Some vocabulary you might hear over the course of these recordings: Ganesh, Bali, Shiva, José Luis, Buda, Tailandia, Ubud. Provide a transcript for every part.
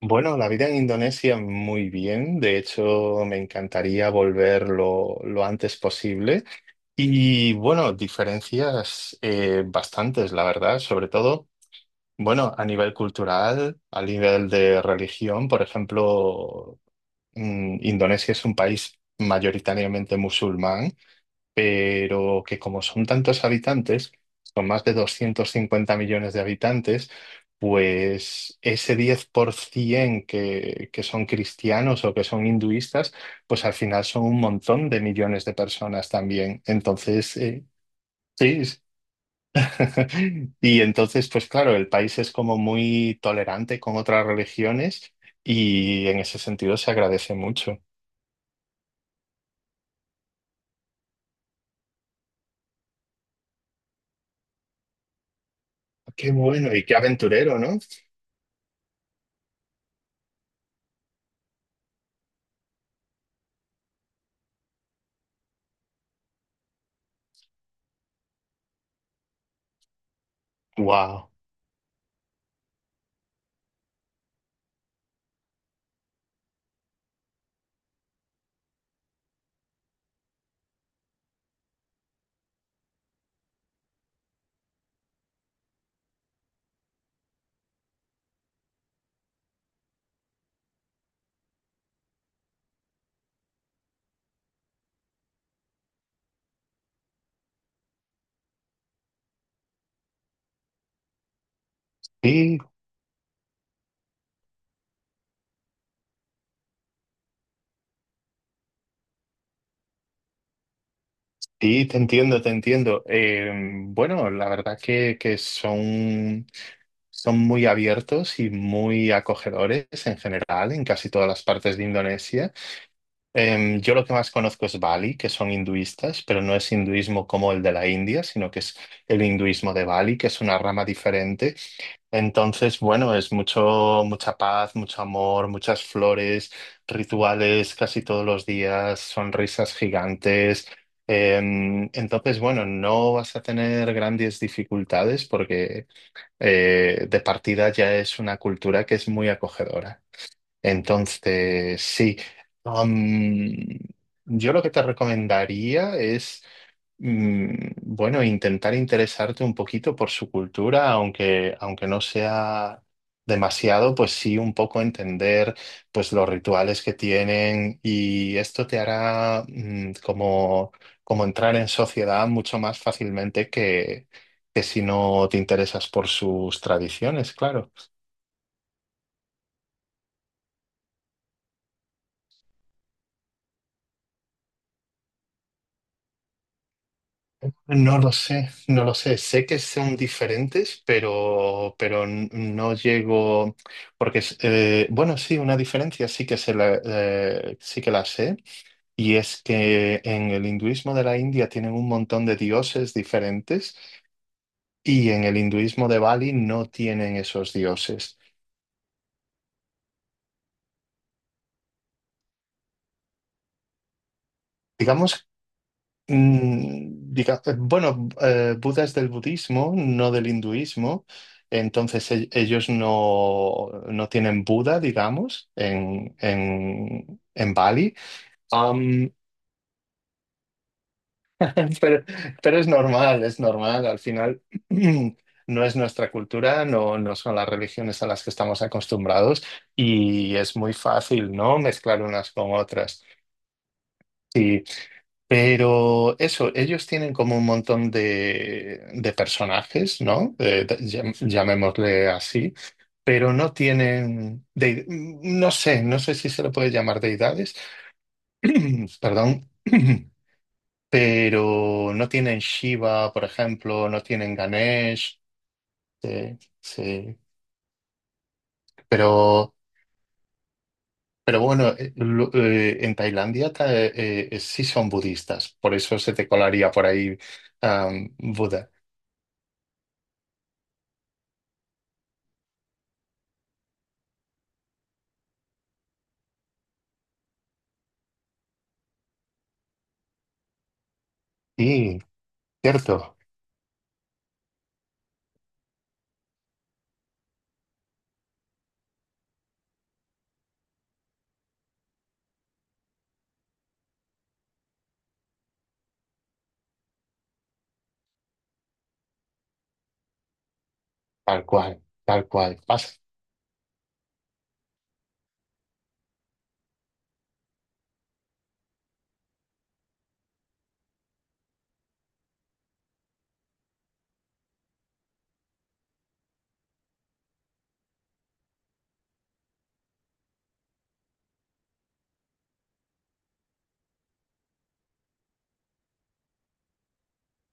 Bueno, la vida en Indonesia muy bien. De hecho, me encantaría volver lo antes posible. Y bueno, diferencias bastantes, la verdad, sobre todo, bueno, a nivel cultural, a nivel de religión, por ejemplo, Indonesia es un país mayoritariamente musulmán, pero que como son tantos habitantes, son más de 250 millones de habitantes. Pues ese 10% que son cristianos o que son hinduistas, pues al final son un montón de millones de personas también. Entonces, sí. Y entonces, pues claro, el país es como muy tolerante con otras religiones y en ese sentido se agradece mucho. Qué bueno y qué aventurero, ¿no? Wow. Sí, te entiendo, te entiendo. Bueno, la verdad que son, son muy abiertos y muy acogedores en general en casi todas las partes de Indonesia. Yo lo que más conozco es Bali, que son hinduistas, pero no es hinduismo como el de la India, sino que es el hinduismo de Bali, que es una rama diferente. Entonces, bueno, es mucho, mucha paz, mucho amor, muchas flores, rituales casi todos los días, sonrisas gigantes. Entonces, bueno, no vas a tener grandes dificultades porque de partida ya es una cultura que es muy acogedora. Entonces, sí. Am, yo lo que te recomendaría es, bueno, intentar interesarte un poquito por su cultura, aunque no sea demasiado, pues sí, un poco entender pues los rituales que tienen, y esto te hará, como entrar en sociedad mucho más fácilmente que si no te interesas por sus tradiciones, claro. No lo sé, no lo sé. Sé que son diferentes, pero no llego. Porque bueno, sí, una diferencia sí que, sí que la sé. Y es que en el hinduismo de la India tienen un montón de dioses diferentes, y en el hinduismo de Bali no tienen esos dioses. Digamos. Bueno, Buda es del budismo, no del hinduismo. Entonces ellos no, no tienen Buda, digamos, en, en Bali. Am, pero, pero es normal, al final no es nuestra cultura, no son las religiones a las que estamos acostumbrados, y es muy fácil, ¿no? Mezclar unas con otras. Pero eso, ellos tienen como un montón de personajes, ¿no? Llamémosle así, pero no tienen, no sé, no sé si se le puede llamar deidades, perdón, pero no tienen Shiva, por ejemplo, no tienen Ganesh, sí sí, pero, pero bueno, en Tailandia sí son budistas, por eso se te colaría por ahí, Buda. ¿Cierto? Tal cual, tal cual. Pasa.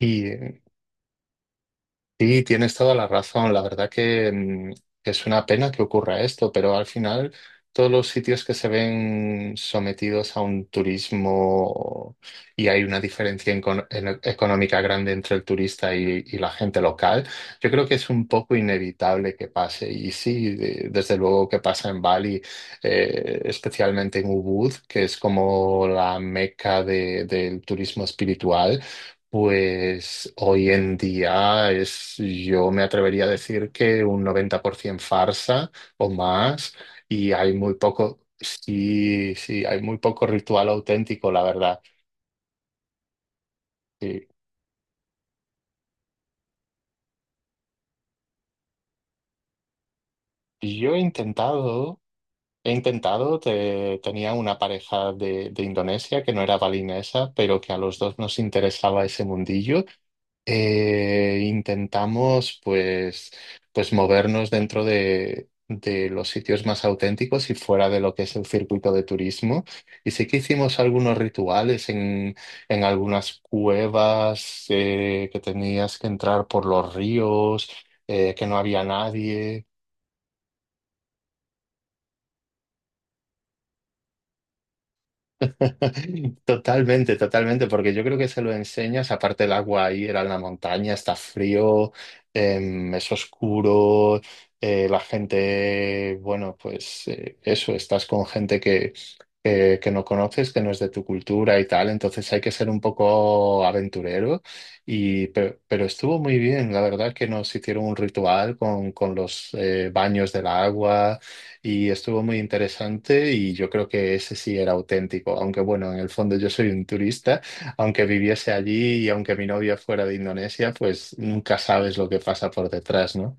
Y sí, tienes toda la razón. La verdad que es una pena que ocurra esto, pero al final todos los sitios que se ven sometidos a un turismo, y hay una diferencia económica grande entre el turista y, la gente local, yo creo que es un poco inevitable que pase. Y sí, desde luego que pasa en Bali, especialmente en Ubud, que es como la meca del turismo espiritual. Pues hoy en día yo me atrevería a decir que un 90% farsa o más, y hay muy poco, sí, sí, hay muy poco ritual auténtico, la verdad. Sí. Yo he intentado, tenía una pareja de Indonesia que no era balinesa, pero que a los dos nos interesaba ese mundillo. Intentamos pues movernos dentro de los sitios más auténticos y fuera de lo que es el circuito de turismo. Y sí que hicimos algunos rituales en algunas cuevas que tenías que entrar por los ríos, que no había nadie. Totalmente, totalmente, porque yo creo que se lo enseñas, aparte el agua ahí era en la montaña, está frío, es oscuro, la gente, bueno, pues eso, estás con gente que, no conoces, que no es de tu cultura y tal. Entonces hay que ser un poco aventurero, y, pero estuvo muy bien. La verdad que nos hicieron un ritual con los baños del agua. Y estuvo muy interesante, y yo creo que ese sí era auténtico, aunque bueno, en el fondo yo soy un turista, aunque viviese allí y aunque mi novia fuera de Indonesia. Pues nunca sabes lo que pasa por detrás, ¿no?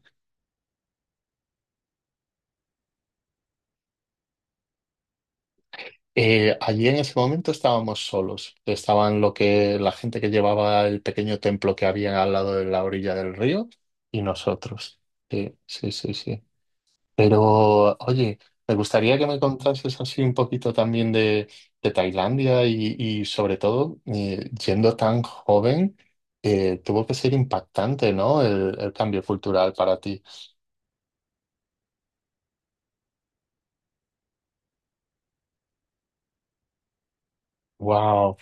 Allí en ese momento estábamos solos, estaban lo que la gente que llevaba el pequeño templo que había al lado de la orilla del río y nosotros. Sí, sí, sí, sí. Pero, oye, me gustaría que me contases así un poquito también de Tailandia, y, sobre todo, yendo tan joven, tuvo que ser impactante, ¿no? El cambio cultural para ti. ¡Wow!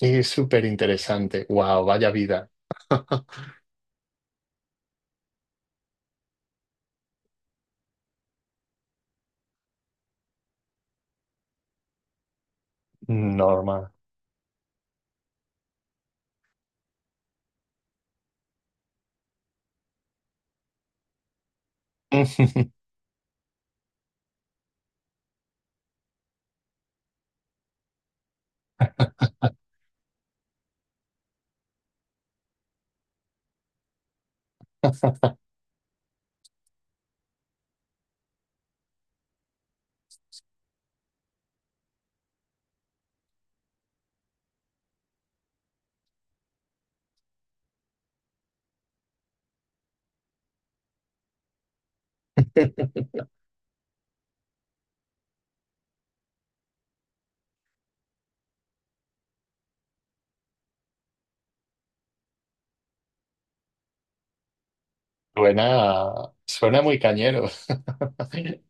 Es súper interesante. ¡Wow! Vaya vida. Normal. Suena, suena muy cañero.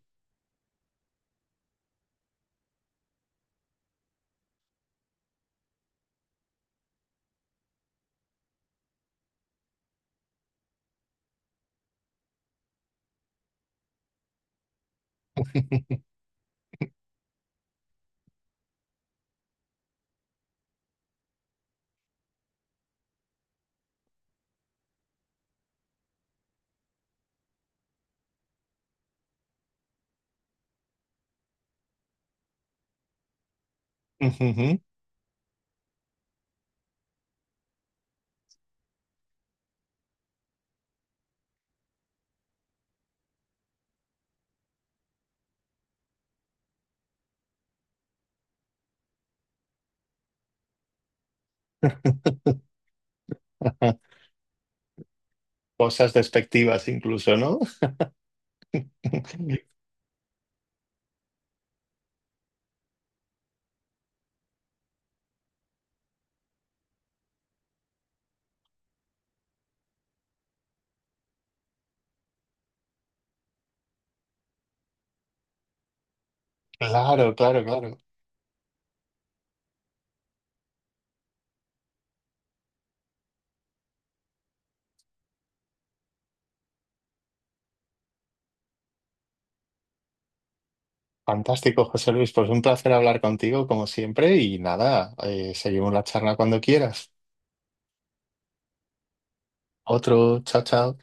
Ujujú. Cosas despectivas incluso, ¿no? Claro, claro, claro. Fantástico, José Luis. Pues un placer hablar contigo como siempre, y nada, seguimos la charla cuando quieras. Otro, chao, chao.